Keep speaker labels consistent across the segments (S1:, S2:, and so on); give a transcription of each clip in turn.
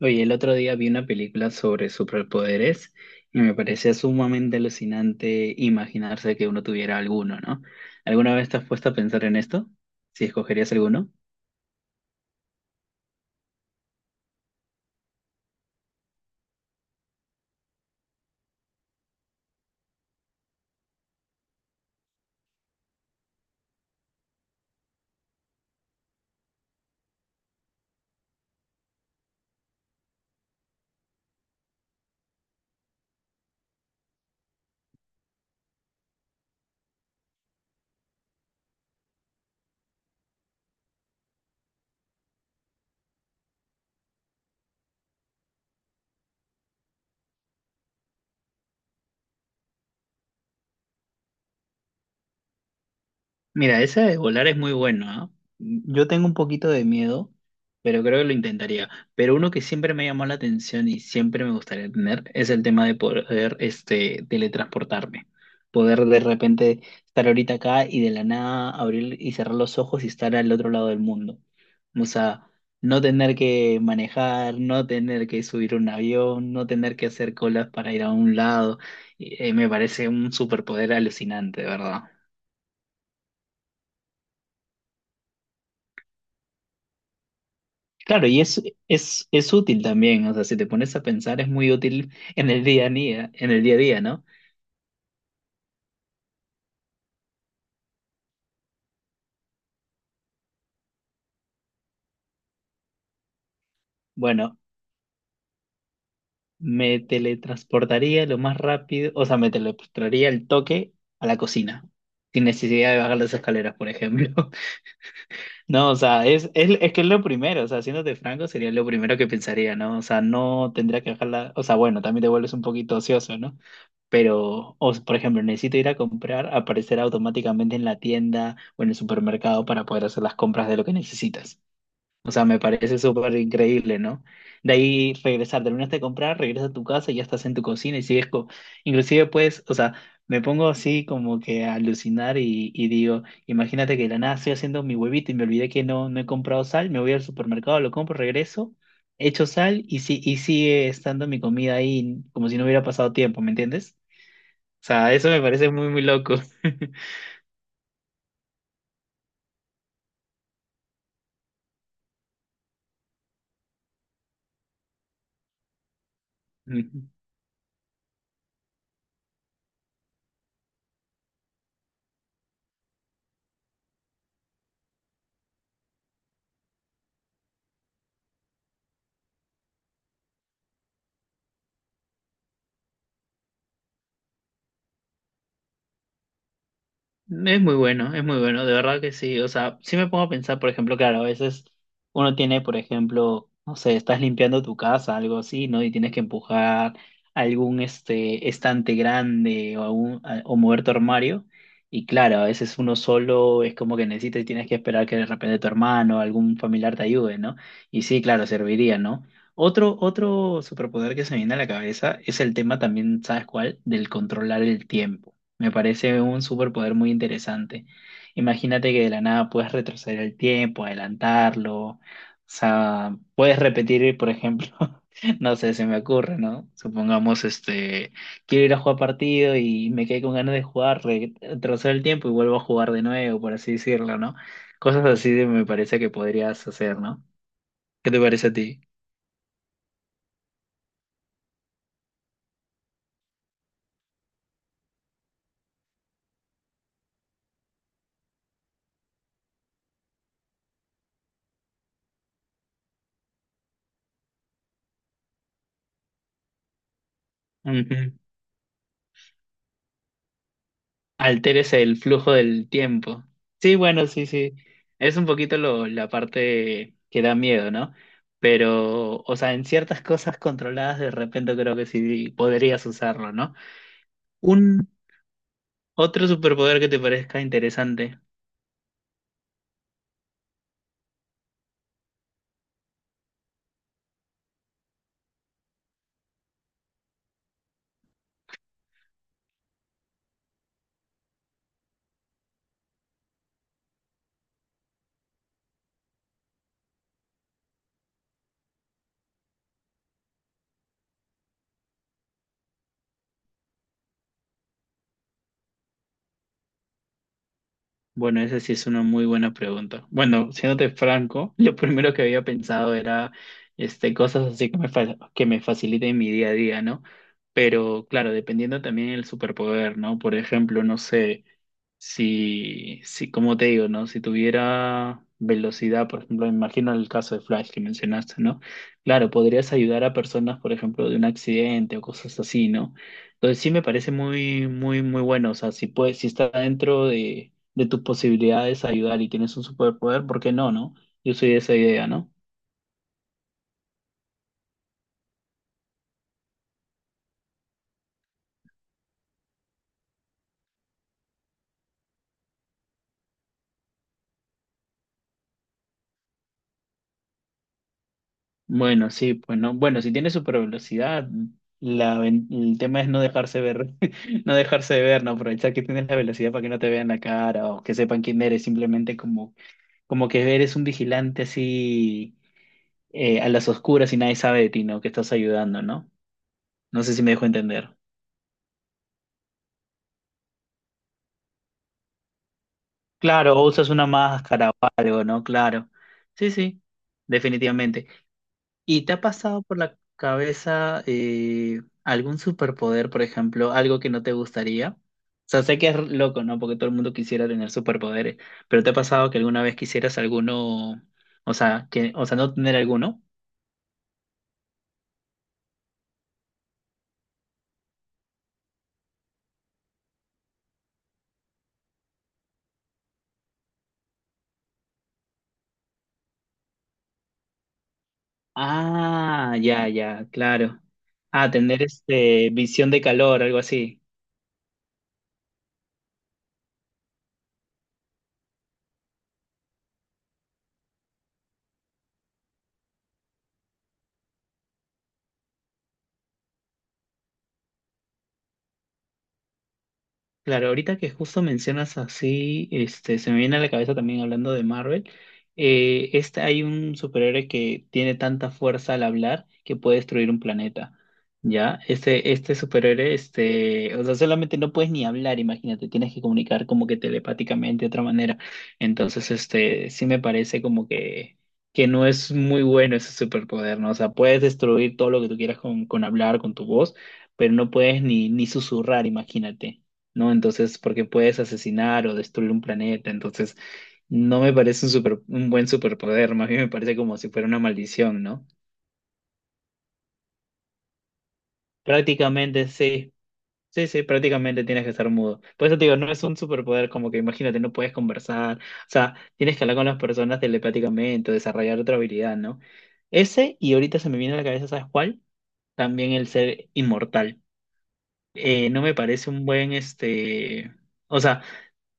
S1: Oye, el otro día vi una película sobre superpoderes y me parecía sumamente alucinante imaginarse que uno tuviera alguno, ¿no? ¿Alguna vez te has puesto a pensar en esto? Si escogerías alguno. Mira, esa de volar es muy bueno, ¿ah? Yo tengo un poquito de miedo, pero creo que lo intentaría. Pero uno que siempre me llamó la atención y siempre me gustaría tener es el tema de poder, este, teletransportarme. Poder de repente estar ahorita acá y de la nada abrir y cerrar los ojos y estar al otro lado del mundo. O sea, no tener que manejar, no tener que subir un avión, no tener que hacer colas para ir a un lado. Y, me parece un superpoder alucinante, de ¿verdad? Claro, y es útil también, o sea, si te pones a pensar es muy útil en el día a día, en el día a día, ¿no? Bueno, me teletransportaría lo más rápido, o sea, me teletransportaría el toque a la cocina, sin necesidad de bajar las escaleras, por ejemplo. No, o sea, es que es lo primero, o sea, de franco sería lo primero que pensaría, ¿no? O sea, no tendría que dejarla, o sea, bueno, también te vuelves un poquito ocioso, ¿no? Pero, o, por ejemplo, necesito ir a comprar, aparecer automáticamente en la tienda o en el supermercado para poder hacer las compras de lo que necesitas. O sea, me parece súper increíble, ¿no? De ahí regresar, terminaste de comprar, regresas a tu casa, y ya estás en tu cocina y sigues co Inclusive, pues, o sea, me pongo así como que a alucinar y digo, imagínate que de la nada estoy haciendo mi huevito y me olvidé que no he comprado sal, me voy al supermercado, lo compro, regreso, echo sal y, si, y sigue estando mi comida ahí como si no hubiera pasado tiempo, ¿me entiendes? O sea, eso me parece muy, muy loco. Es muy bueno, de verdad que sí. O sea, sí me pongo a pensar, por ejemplo, claro, a veces uno tiene, por ejemplo, no sé, estás limpiando tu casa, algo así, ¿no? Y tienes que empujar algún este estante grande o, o mover tu armario. Y claro, a veces uno solo es como que necesitas y tienes que esperar que de repente tu hermano o algún familiar te ayude, ¿no? Y sí, claro, serviría, ¿no? Otro superpoder que se me viene a la cabeza es el tema también, ¿sabes cuál? Del controlar el tiempo. Me parece un superpoder muy interesante. Imagínate que de la nada puedes retroceder el tiempo, adelantarlo, o sea, puedes repetir, por ejemplo, no sé, se me ocurre, ¿no? Supongamos, este, quiero ir a jugar partido y me quedé con ganas de jugar, retrocedo el tiempo y vuelvo a jugar de nuevo, por así decirlo, ¿no? Me parece que podrías hacer, ¿no? ¿Qué te parece a ti? Ujú. Alteres el flujo del tiempo. Sí, bueno, sí, sí. Es un poquito lo, la parte que da miedo, ¿no? Pero, o sea, en ciertas cosas controladas de repente creo que sí podrías usarlo, ¿no? Un otro superpoder que te parezca interesante. Bueno, esa sí es una muy buena pregunta. Bueno, siéndote franco, lo primero que había pensado era este, cosas así que me, que me faciliten mi día a día, ¿no? Pero claro, dependiendo también del superpoder, ¿no? Por ejemplo, no sé. Si, como te digo, ¿no? Si tuviera velocidad, por ejemplo, me imagino el caso de Flash que mencionaste, ¿no? Claro, podrías ayudar a personas, por ejemplo, de un accidente o cosas así, ¿no? Entonces sí me parece muy, muy, muy bueno. O sea, si puedes, si está dentro de tus posibilidades ayudar y tienes un superpoder, ¿por qué no, no? Yo soy de esa idea, ¿no? Bueno, sí, pues no. Bueno, si tiene super velocidad, el tema es no dejarse ver, no dejarse ver, no aprovechar que tienes la velocidad para que no te vean la cara o que sepan quién eres, simplemente como, como que eres un vigilante así a las oscuras y nadie sabe de ti, ¿no? Que estás ayudando, ¿no? No sé si me dejo entender. Claro, o usas una máscara o algo, ¿no? Claro. Sí, sí, definitivamente. ¿Y te ha pasado por la cabeza algún superpoder, por ejemplo, algo que no te gustaría? O sea, sé que es loco, ¿no? Porque todo el mundo quisiera tener superpoderes, pero ¿te ha pasado que alguna vez quisieras alguno, o sea, que, o sea, no tener alguno? Ah, ya, ya, claro. Ah, tener este visión de calor, algo así. Claro, ahorita que justo mencionas así, este, se me viene a la cabeza también hablando de Marvel, este, hay un superhéroe que tiene tanta fuerza al hablar que puede destruir un planeta, ¿ya? Este superhéroe, este, o sea, solamente no puedes ni hablar, imagínate, tienes que comunicar como que telepáticamente de otra manera. Entonces, este, sí me parece como que no es muy bueno ese superpoder, ¿no? O sea, puedes destruir todo lo que tú quieras con hablar, con tu voz, pero no puedes ni, ni susurrar, imagínate. ¿No? Entonces, porque puedes asesinar o destruir un planeta, entonces no me parece un super, un buen superpoder, más bien me parece como si fuera una maldición, ¿no? Prácticamente sí, sí, sí, prácticamente tienes que estar mudo. Por eso te digo, no es un superpoder como que imagínate, no puedes conversar, o sea, tienes que hablar con las personas telepáticamente, desarrollar otra habilidad, ¿no? Ese, y ahorita se me viene a la cabeza, ¿sabes cuál? También el ser inmortal. No me parece un buen, este, o sea,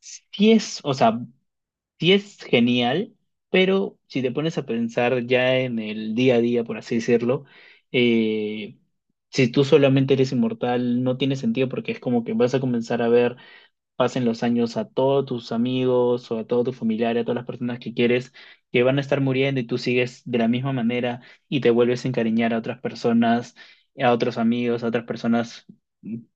S1: sí es, o sea, sí es genial, pero si te pones a pensar ya en el día a día, por así decirlo, eh, si tú solamente eres inmortal, no tiene sentido porque es como que vas a comenzar a ver pasen los años a todos tus amigos o a todos tus familiares, a todas las personas que quieres, que van a estar muriendo y tú sigues de la misma manera y te vuelves a encariñar a otras personas, a otros amigos, a otras personas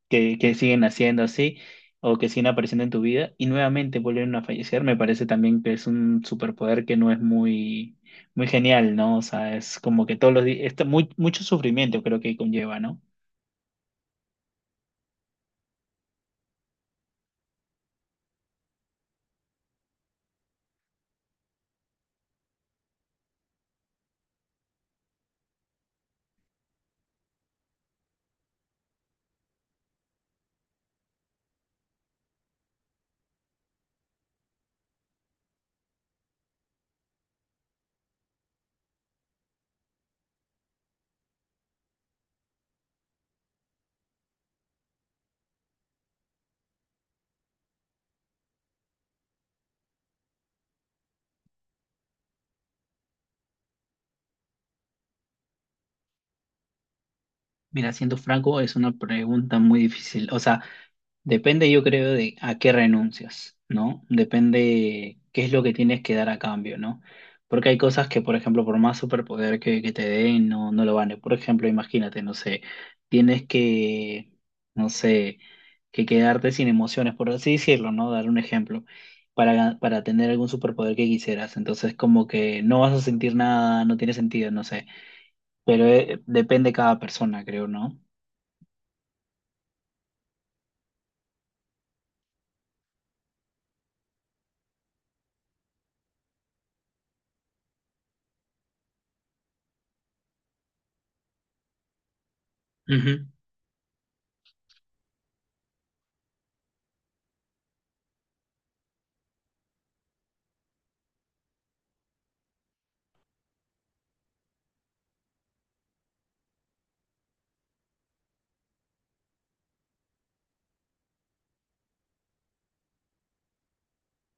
S1: que siguen haciendo así o que siguen apareciendo en tu vida y nuevamente vuelven a fallecer, me parece también que es un superpoder que no es muy, muy genial, ¿no? O sea, es como que todos los días, muy, mucho sufrimiento creo que conlleva, ¿no? Mira, siendo franco, es una pregunta muy difícil. O sea, depende, yo creo, de a qué renuncias, ¿no? Depende qué es lo que tienes que dar a cambio, ¿no? Porque hay cosas que, por ejemplo, por más superpoder que te den, no, no lo vale. Por ejemplo, imagínate, no sé, tienes que, no sé, que quedarte sin emociones, por así decirlo, ¿no? Dar un ejemplo, para tener algún superpoder que quisieras. Entonces, como que no vas a sentir nada, no tiene sentido, no sé. Pero depende cada persona, creo, ¿no? Ujú.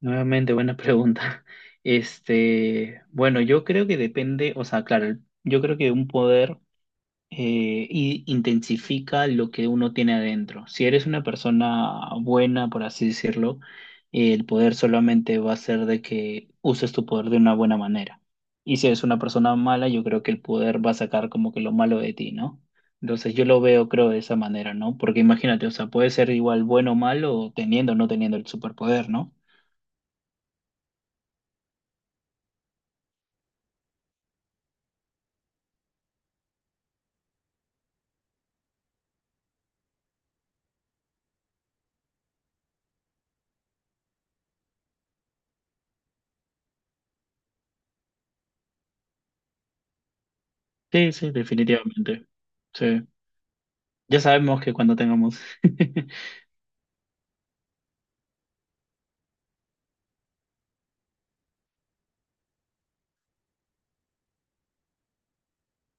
S1: Nuevamente, buena pregunta. Este, bueno, yo creo que depende, o sea, claro, yo creo que un poder intensifica lo que uno tiene adentro. Si eres una persona buena, por así decirlo, el poder solamente va a ser de que uses tu poder de una buena manera. Y si eres una persona mala, yo creo que el poder va a sacar como que lo malo de ti, ¿no? Entonces yo lo veo, creo, de esa manera, ¿no? Porque imagínate, o sea, puede ser igual bueno o malo, teniendo o no teniendo el superpoder, ¿no? Sí, sí, definitivamente. Sí. Ya sabemos que cuando tengamos.